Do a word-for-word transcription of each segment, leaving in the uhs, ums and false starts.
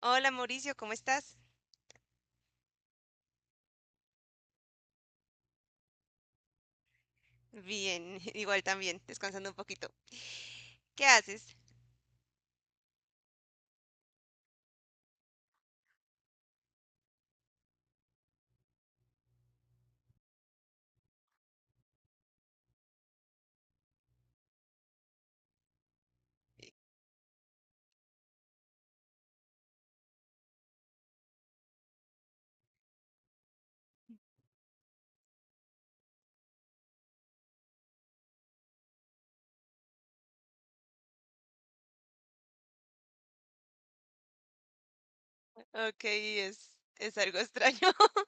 Hola Mauricio, ¿cómo estás? Bien, igual también, descansando un poquito. ¿Qué haces? Ok, es, es algo extraño.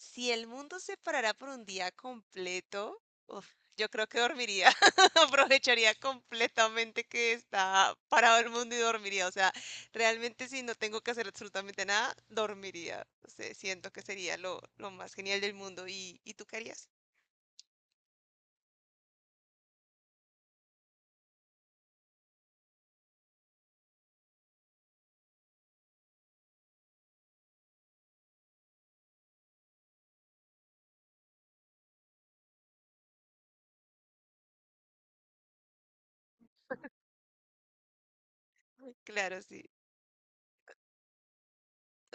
Si el mundo se parara por un día completo, uf, yo creo que dormiría. Aprovecharía completamente que está parado el mundo y dormiría. O sea, realmente si no tengo que hacer absolutamente nada, dormiría. O sea, siento que sería lo, lo más genial del mundo. ¿Y, y tú qué harías? Claro, sí.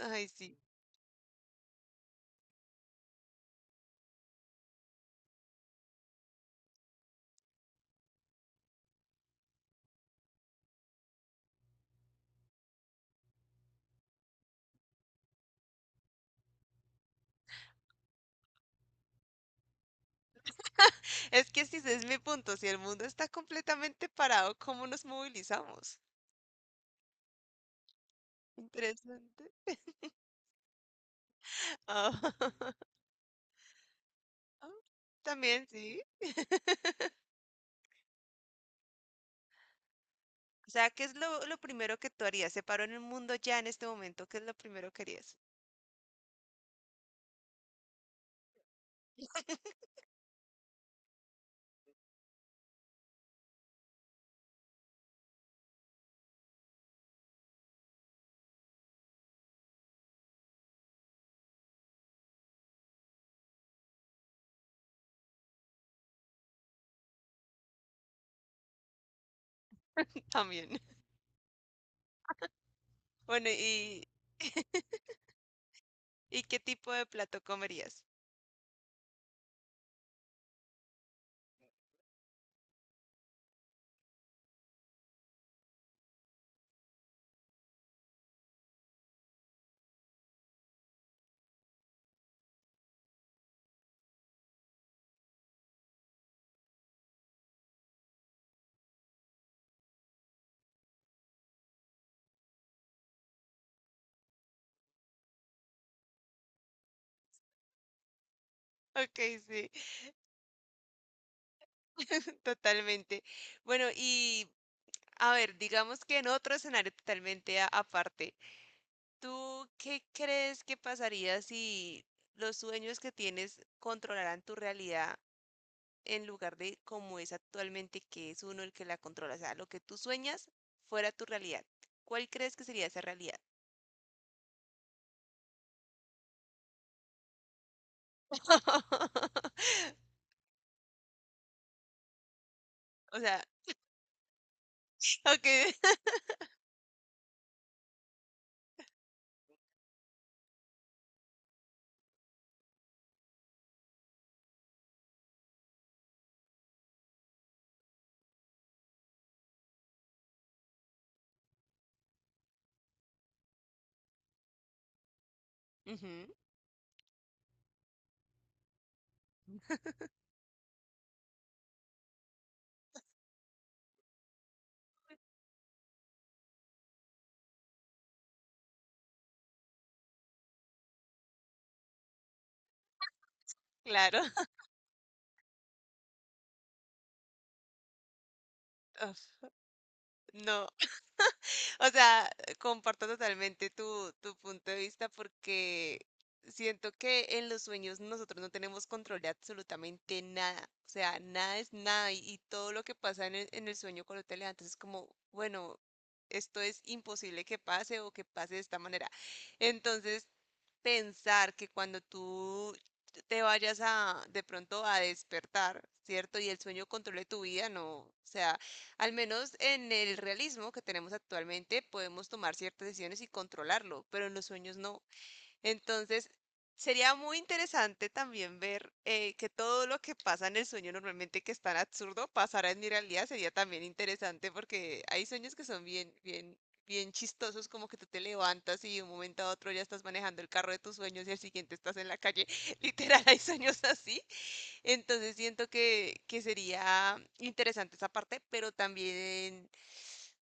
Ay, sí. Es que ese es mi punto, si el mundo está completamente parado, ¿cómo nos movilizamos? Interesante. Ah, ah, también, sí. O sea, ¿qué es lo, lo primero que tú harías? Se paró en el mundo ya en este momento, ¿qué es lo primero que harías? También. Bueno, ¿y, y qué tipo de plato comerías? Ok, sí, totalmente. Bueno, y a ver, digamos que en otro escenario totalmente a- aparte, ¿tú qué crees que pasaría si los sueños que tienes controlaran tu realidad en lugar de como es actualmente, que es uno el que la controla? O sea, lo que tú sueñas fuera tu realidad. ¿Cuál crees que sería esa realidad? O sea, ok, ujú, claro. Uf, no, o sea, comparto totalmente tu, tu punto de vista porque siento que en los sueños nosotros no tenemos control de absolutamente nada. O sea, nada es nada y, y todo lo que pasa en el, en el sueño cuando te levantas es como, bueno, esto es imposible que pase o que pase de esta manera. Entonces, pensar que cuando tú te vayas a, de pronto a despertar, ¿cierto? Y el sueño controle tu vida, no. O sea, al menos en el realismo que tenemos actualmente podemos tomar ciertas decisiones y controlarlo, pero en los sueños no. Entonces, sería muy interesante también ver eh, que todo lo que pasa en el sueño normalmente que es tan absurdo pasará en mi realidad. Sería también interesante porque hay sueños que son bien, bien, bien chistosos, como que tú te levantas y de un momento a otro ya estás manejando el carro de tus sueños y al siguiente estás en la calle. Literal, hay sueños así. Entonces siento que, que sería interesante esa parte, pero también,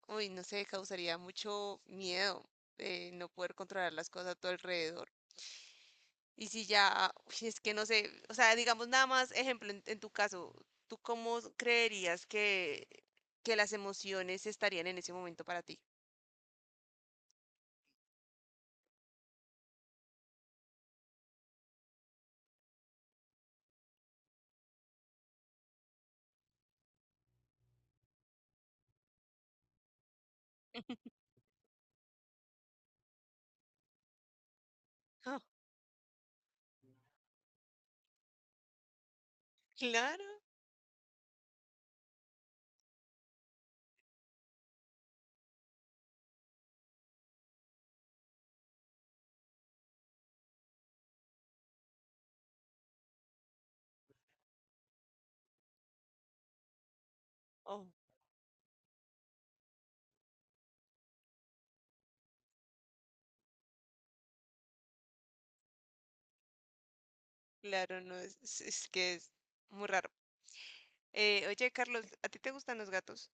uy, no sé, causaría mucho miedo eh, no poder controlar las cosas a tu alrededor. Y si ya, uy, es que no sé, o sea, digamos nada más, ejemplo, en, en tu caso, ¿tú cómo creerías que, que las emociones estarían en ese momento para ti? Ah, claro, oh, claro, no es, es, es que es muy raro. Eh, oye, Carlos, ¿a ti te gustan los gatos?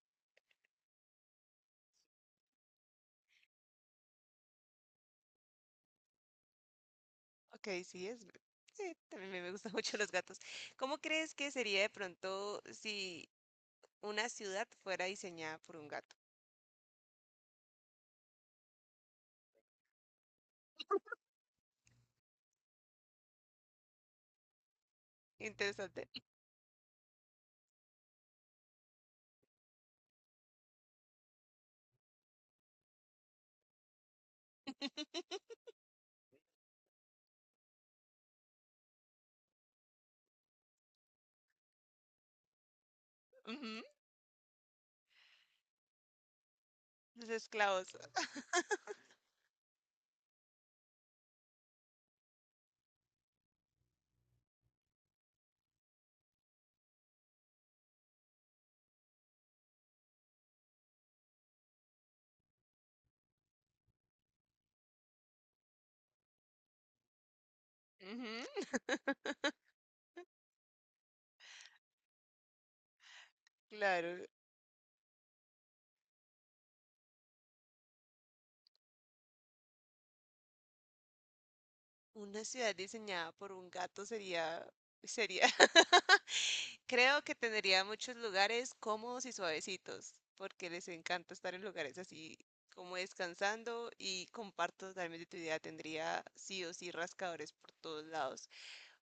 Ok, sí, es... sí, también me gustan mucho los gatos. ¿Cómo crees que sería de pronto si una ciudad fuera diseñada por un gato? Interesante. Ujú, los esclavos. Ujú, claro, una ciudad diseñada por un gato sería... sería... Creo que tendría muchos lugares cómodos y suavecitos, porque les encanta estar en lugares así como descansando y comparto totalmente tu idea, tendría sí o sí rascadores por todos lados.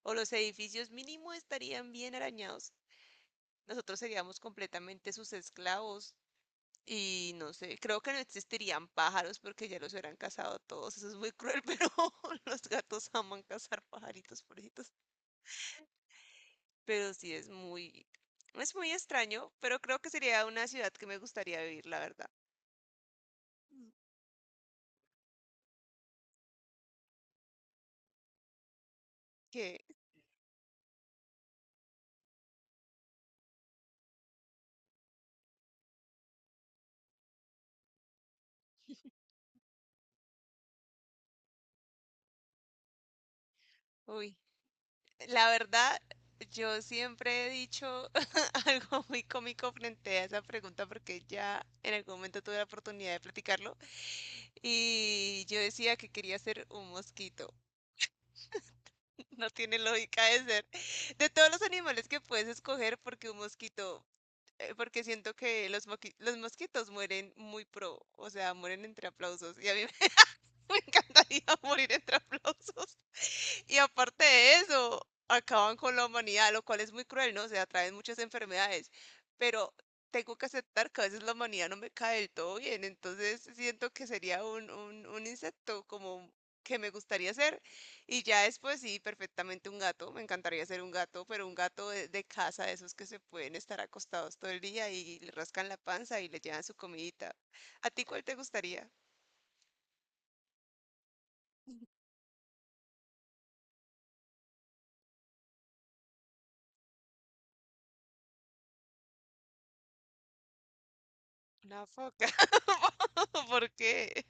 O los edificios mínimo estarían bien arañados. Nosotros seríamos completamente sus esclavos y no sé, creo que no existirían pájaros porque ya los hubieran cazado todos. Eso es muy cruel, pero los gatos aman cazar pajaritos, pobrecitos. Pero sí es muy, es muy extraño, pero creo que sería una ciudad que me gustaría vivir, la verdad. Que, uy, la verdad, yo siempre he dicho algo muy cómico frente a esa pregunta porque ya en algún momento tuve la oportunidad de platicarlo. Y yo decía que quería ser un mosquito. No tiene lógica de ser. De todos los animales que puedes escoger, porque un mosquito, eh, porque siento que los, moqui- los mosquitos mueren muy pro, o sea, mueren entre aplausos. Y a mí me, me encantaría morir entre aplausos. Y aparte de eso, acaban con la humanidad, lo cual es muy cruel, ¿no? O sea, traen muchas enfermedades, pero tengo que aceptar que a veces la humanidad no me cae del todo bien, entonces siento que sería un, un, un insecto como que me gustaría ser. Y ya después sí, perfectamente un gato, me encantaría ser un gato, pero un gato de, de casa, de esos que se pueden estar acostados todo el día y le rascan la panza y le llevan su comidita. ¿A ti cuál te gustaría? Una foca. ¿Por qué?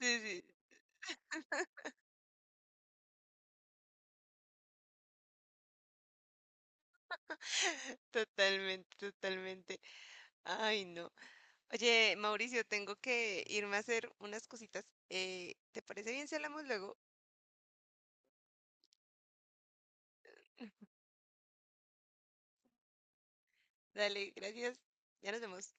Sí, sí. Totalmente, totalmente. Ay, no. Oye, Mauricio, tengo que irme a hacer unas cositas. Eh, ¿te parece bien si hablamos luego? Dale, gracias. Ya nos vemos.